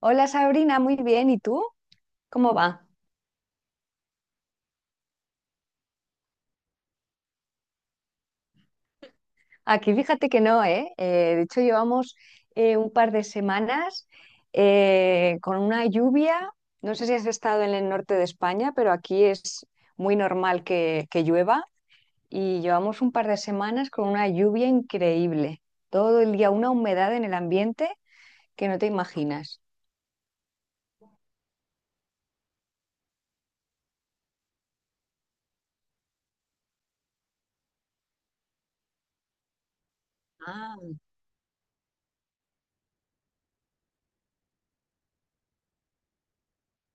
Hola Sabrina, muy bien. ¿Y tú? ¿Cómo va? Aquí fíjate que no, ¿eh? De hecho, llevamos un par de semanas con una lluvia. No sé si has estado en el norte de España, pero aquí es muy normal que llueva y llevamos un par de semanas con una lluvia increíble. Todo el día una humedad en el ambiente que no te imaginas. Ah.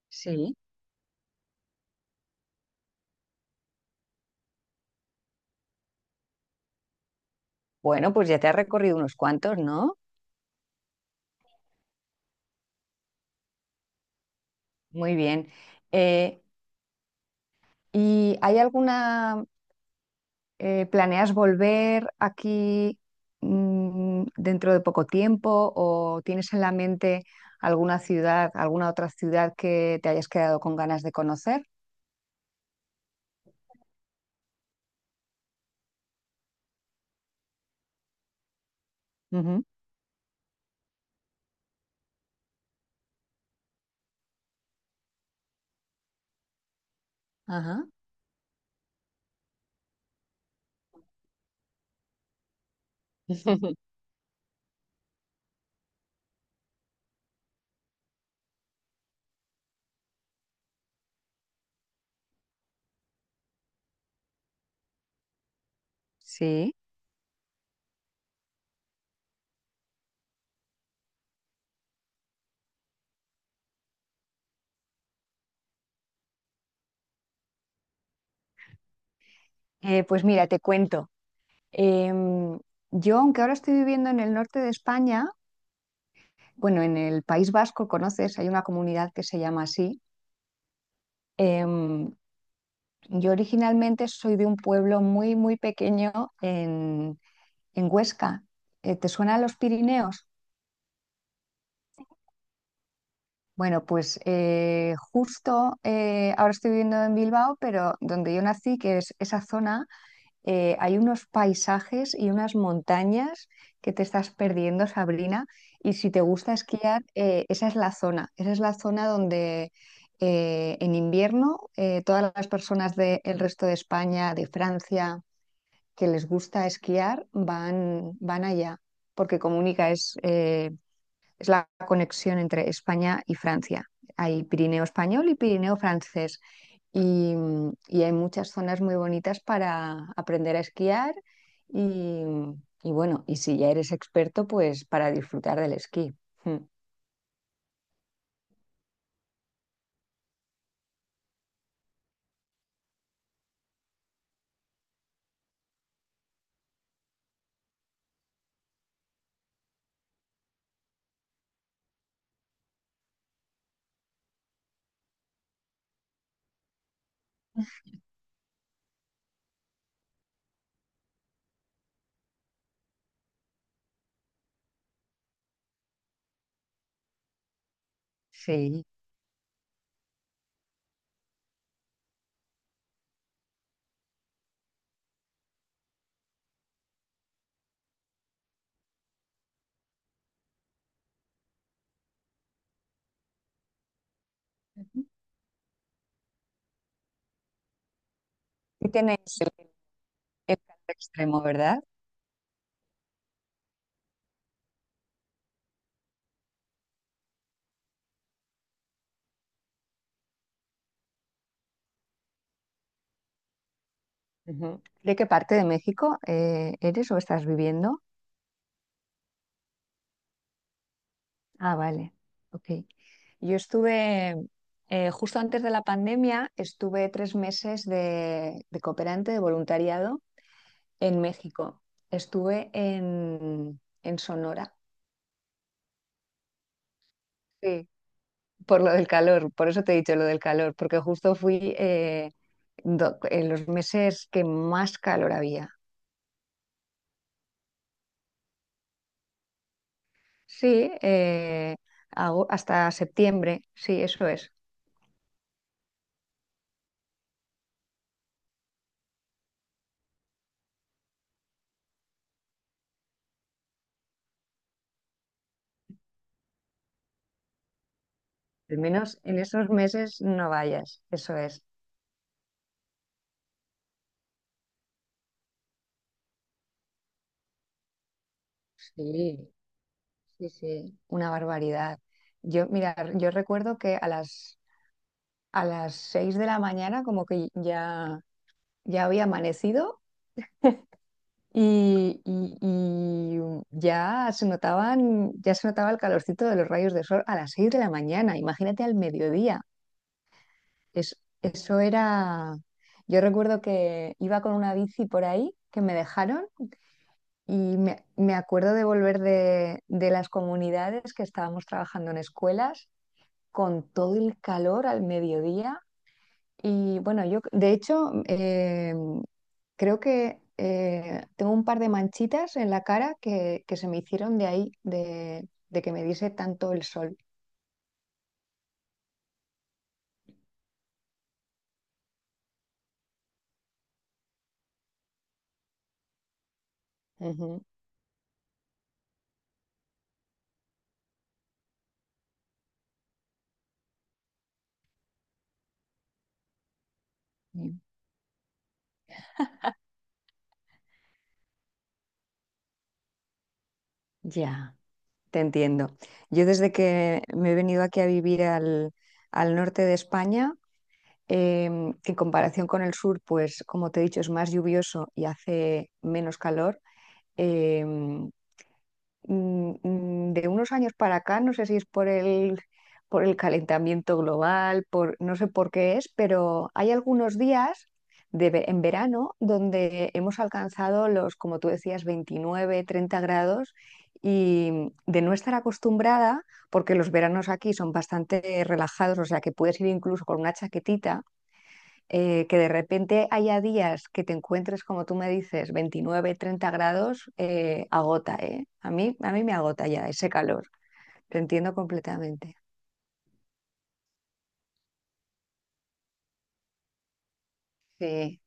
Sí. Bueno, pues ya te has recorrido unos cuantos, ¿no? Muy bien. Eh, ¿y hay alguna... ¿Planeas volver aquí dentro de poco tiempo o tienes en la mente alguna ciudad, alguna otra ciudad que te hayas quedado con ganas de conocer? Ujú. Ajá. Sí. Pues mira, te cuento. Em, yo, aunque ahora estoy viviendo en el norte de España, bueno, en el País Vasco, conoces, hay una comunidad que se llama así. Em, yo originalmente soy de un pueblo muy, muy pequeño en Huesca. ¿Te suenan los Pirineos? Bueno, pues justo ahora estoy viviendo en Bilbao, pero donde yo nací, que es esa zona, hay unos paisajes y unas montañas que te estás perdiendo, Sabrina. Y si te gusta esquiar, esa es la zona. Esa es la zona donde en invierno todas las personas del resto de España, de Francia, que les gusta esquiar, van, van allá, porque comunica, es la conexión entre España y Francia. Hay Pirineo español y Pirineo francés. Y, y hay muchas zonas muy bonitas para aprender a esquiar y, y bueno, y si ya eres experto, pues para disfrutar del esquí. Mm, sí. Ujú. Y tenéis el calor extremo, ¿verdad? Ujú. ¿De qué parte de México eres o estás viviendo? Ah, vale. Ok. Yo estuve, justo antes de la pandemia, estuve 3 meses de cooperante de voluntariado en México. Estuve en Sonora. Sí. Por lo del calor, por eso te he dicho lo del calor, porque justo fui en los meses que más calor había. Sí, hasta septiembre, sí, eso es. Al menos en esos meses no vayas, eso es. Sí. Sí, sí, una barbaridad. Yo, mira, yo recuerdo que a las 6 de la mañana como que ya había amanecido y ya se notaban, ya se notaba el calorcito de los rayos de sol a las 6 de la mañana. Imagínate al mediodía. Eso era. Yo recuerdo que iba con una bici por ahí que me dejaron y me acuerdo de volver de las comunidades que estábamos trabajando en escuelas con todo el calor al mediodía. Y bueno, yo de hecho creo que tengo un par de manchitas en la cara que se me hicieron de ahí, de que me diese tanto el sol. Ujú. Sí. Ya, te entiendo. Yo desde que me he venido aquí a vivir al norte de España, que en comparación con el sur, pues como te he dicho, es más lluvioso y hace menos calor. em, de unos años para acá, no sé si es por el calentamiento global, por, no sé por qué es, pero hay algunos días en verano donde hemos alcanzado los, como tú decías, 29, 30 grados y de no estar acostumbrada, porque los veranos aquí son bastante relajados, o sea que puedes ir incluso con una chaquetita que de repente haya días que te encuentres, como tú me dices, 29, 30 grados, agota, ¿eh? A mí me agota ya ese calor. Te entiendo completamente. Sí,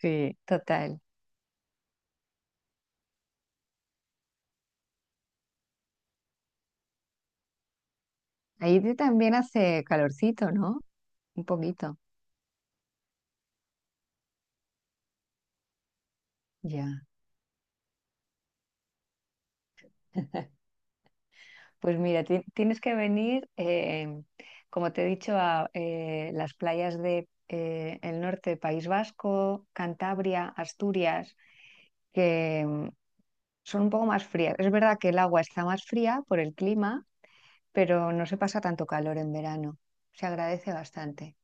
sí, total. Ahí también hace calorcito, ¿no? Un poquito. Ya. Pues mira, tienes que venir, como te he dicho, a las playas de el norte, País Vasco, Cantabria, Asturias, que son un poco más frías. Es verdad que el agua está más fría por el clima, pero no se pasa tanto calor en verano. Se agradece bastante.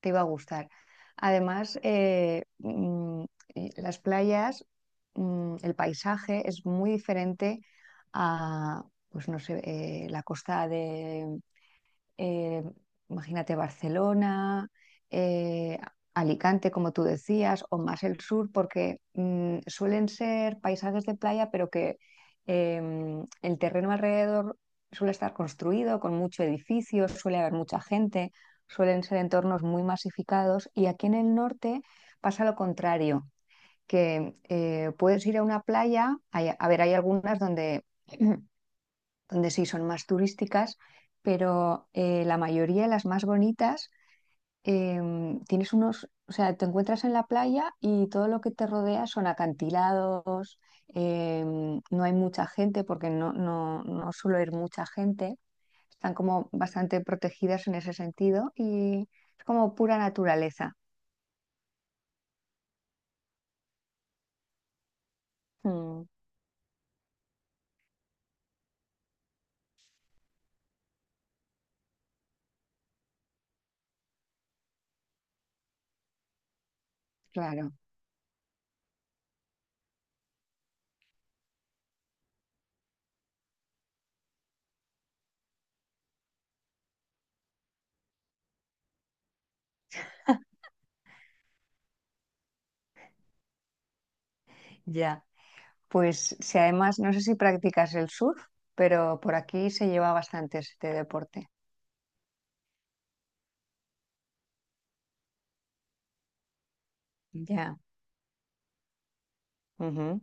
Te iba a gustar. Además, y las playas, el paisaje es muy diferente a, pues no sé, la costa eh, imagínate Barcelona, eh, Alicante, como tú decías, o más el sur, porque suelen ser paisajes de playa, pero que el terreno alrededor suele estar construido con mucho edificio, suele haber mucha gente, suelen ser entornos muy masificados y aquí en el norte pasa lo contrario, que puedes ir a una playa, a ver, hay algunas donde... donde sí son más turísticas, pero la mayoría de las más bonitas, tienes unos, o sea, te encuentras en la playa y todo lo que te rodea son acantilados, no hay mucha gente porque no suele ir mucha gente, están como bastante protegidas en ese sentido y es como pura naturaleza. Mm, claro. Ya. Pues si además, no sé si practicas el surf, pero por aquí se lleva bastante este deporte. Ya. Ujú.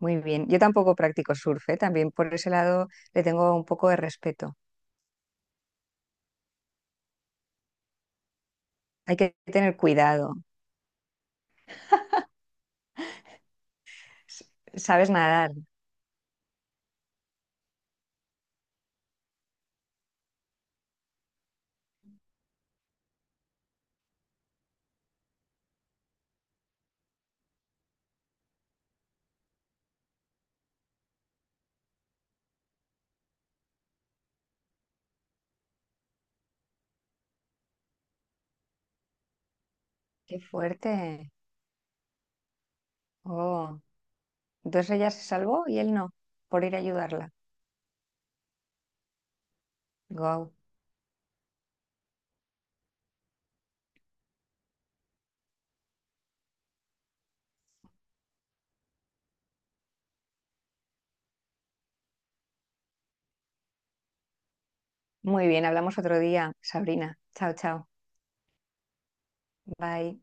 Muy bien. Yo tampoco practico surf, ¿eh? También por ese lado le tengo un poco de respeto. Hay que tener cuidado. S- ¿Sabes nadar? Qué fuerte. Oh. Entonces ella se salvó y él no, por ir a ayudarla. Guau. Muy bien, hablamos otro día, Sabrina. Chao, chao. Bye.